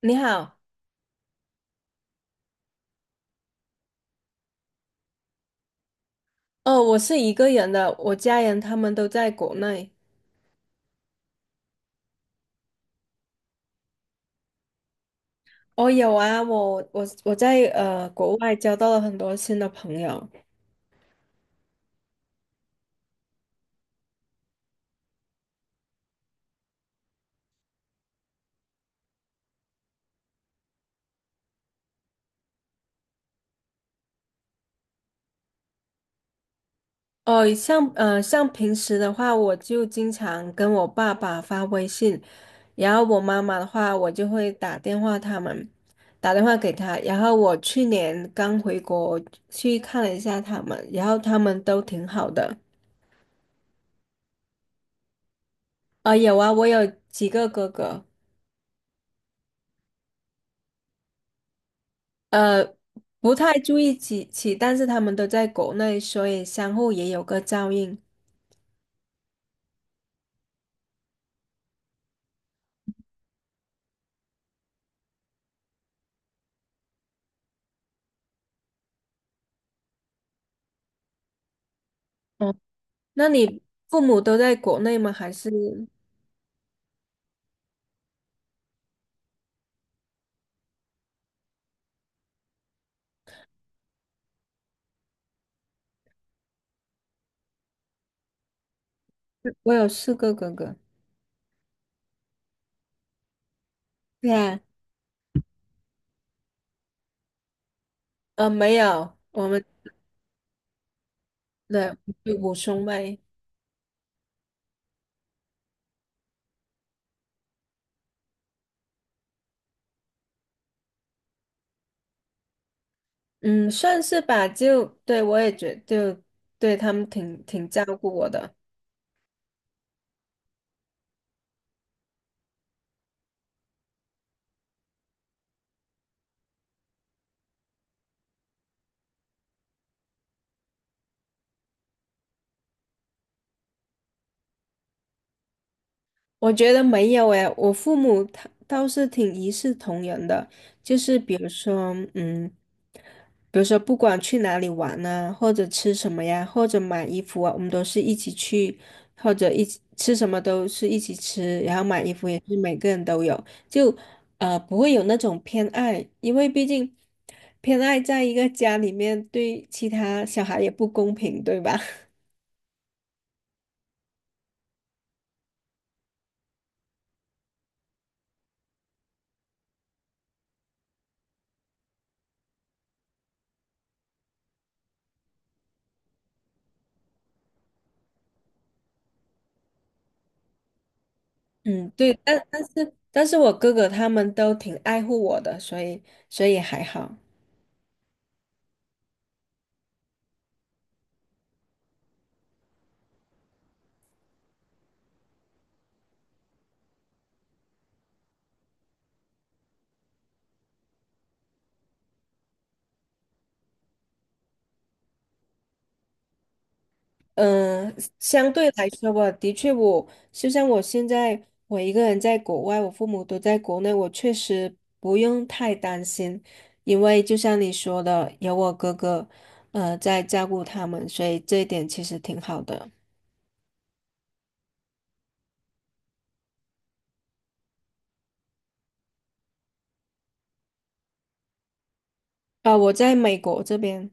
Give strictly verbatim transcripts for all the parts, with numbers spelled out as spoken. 你好。哦，我是一个人的，我家人他们都在国内。哦，有啊，我我我在呃国外交到了很多新的朋友。哦，像呃像平时的话，我就经常跟我爸爸发微信，然后我妈妈的话，我就会打电话他们，打电话给他。然后我去年刚回国去看了一下他们，然后他们都挺好的。啊、有啊，我有几个哥哥。呃，不太注意起起，但是他们都在国内，所以相互也有个照应。哦，那你父母都在国内吗？还是我有四个哥哥？对啊。呃，没有，我们的五兄妹。嗯，算是吧。就对我也觉就对他们挺挺照顾我的。我觉得没有诶，我父母他倒是挺一视同仁的，就是比如说，嗯，比如说不管去哪里玩啊，或者吃什么呀，或者买衣服啊，我们都是一起去，或者一起吃什么都是一起吃，然后买衣服也是每个人都有，就呃不会有那种偏爱，因为毕竟偏爱在一个家里面对其他小孩也不公平，对吧？嗯，对，但但是但是我哥哥他们都挺爱护我的，所以所以还好。嗯，相对来说吧，的确我，就像我现在我一个人在国外，我父母都在国内，我确实不用太担心，因为就像你说的，有我哥哥，呃，在照顾他们，所以这一点其实挺好的。啊、我在美国这边。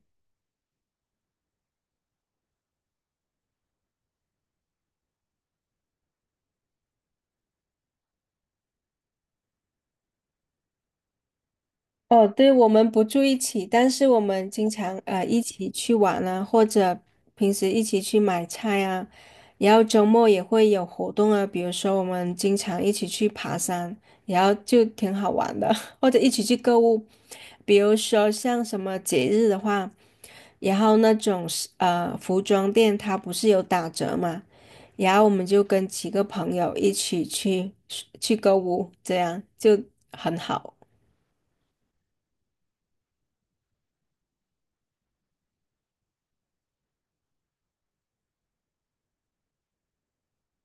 哦，对，我们不住一起，但是我们经常呃一起去玩啊，或者平时一起去买菜啊，然后周末也会有活动啊，比如说我们经常一起去爬山，然后就挺好玩的，或者一起去购物，比如说像什么节日的话，然后那种是呃服装店它不是有打折嘛，然后我们就跟几个朋友一起去去购物，这样就很好。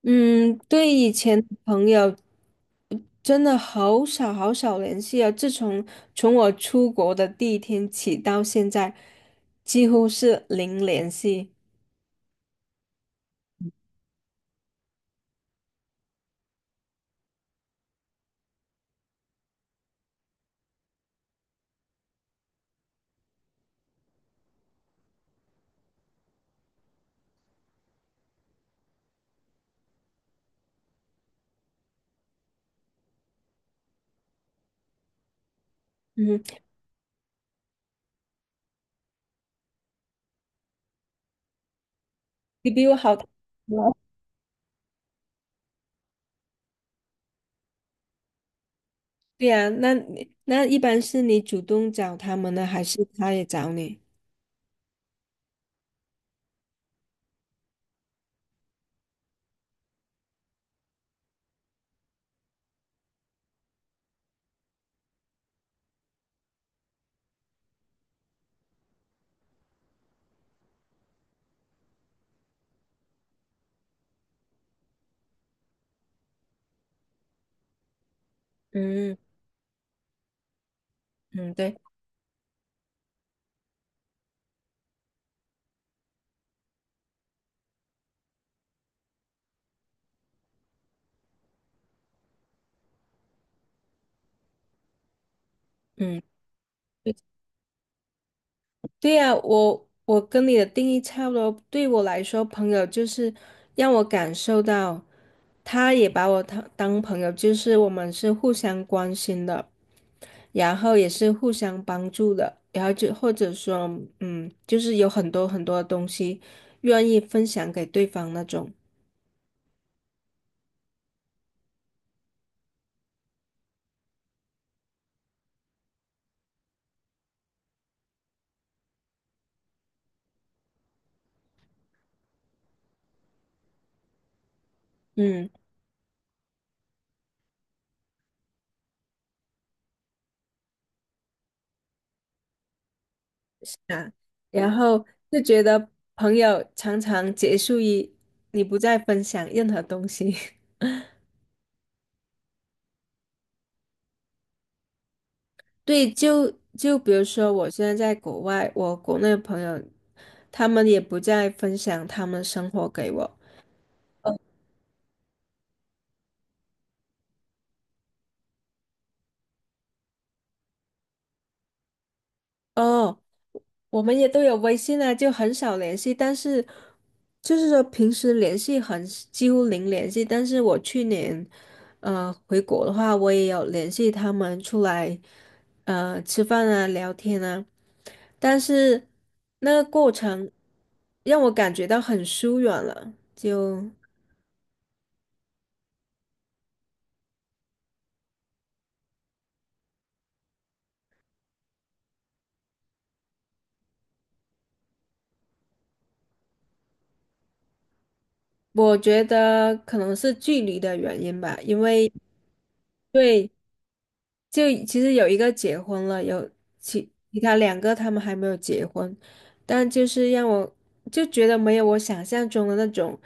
嗯，对以前的朋友真的好少好少联系啊。自从从我出国的第一天起到现在，几乎是零联系。嗯，你比我好太多了。对呀，那你那一般是你主动找他们呢，还是他也找你？嗯嗯，对，嗯。对呀，我我跟你的定义差不多。对我来说，朋友就是让我感受到，他也把我当当朋友，就是我们是互相关心的，然后也是互相帮助的，然后就或者说，嗯，就是有很多很多东西愿意分享给对方那种。嗯啊，然后就觉得朋友常常结束于你不再分享任何东西。对，就就比如说，我现在在国外，我国内的朋友，他们也不再分享他们生活给我。哦，我们也都有微信啊，就很少联系，但是就是说平时联系很几乎零联系。但是我去年，呃，回国的话，我也有联系他们出来，呃，吃饭啊，聊天啊，但是那个过程让我感觉到很疏远了，就。我觉得可能是距离的原因吧，因为对，就其实有一个结婚了，有其其他两个他们还没有结婚，但就是让我就觉得没有我想象中的那种，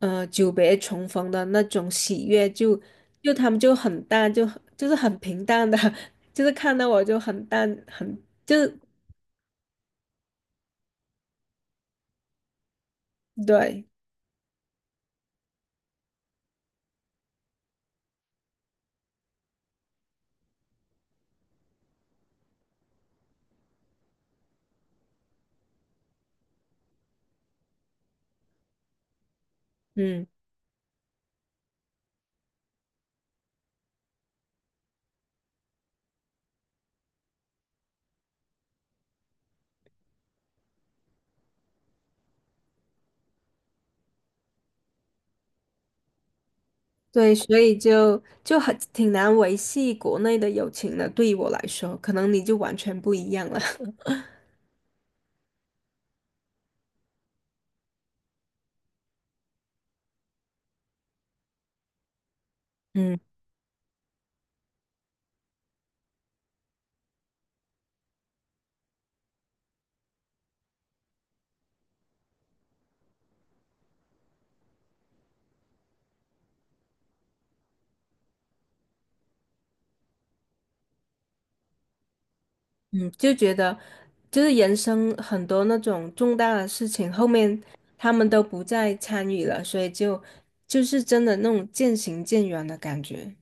呃，久别重逢的那种喜悦，就就他们就很淡，就很就是很平淡的，就是看到我就很淡，很就是对。嗯。对，所以就就很挺难维系国内的友情的，对于我来说，可能你就完全不一样了。嗯嗯，就觉得就是人生很多那种重大的事情，后面他们都不再参与了，所以就就是真的那种渐行渐远的感觉。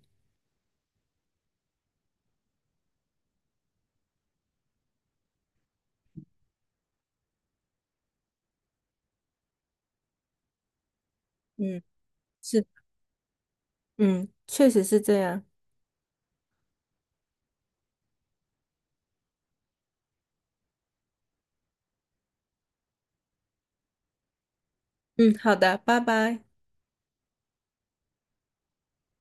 嗯，是，嗯，确实是这样。嗯，好的，拜拜。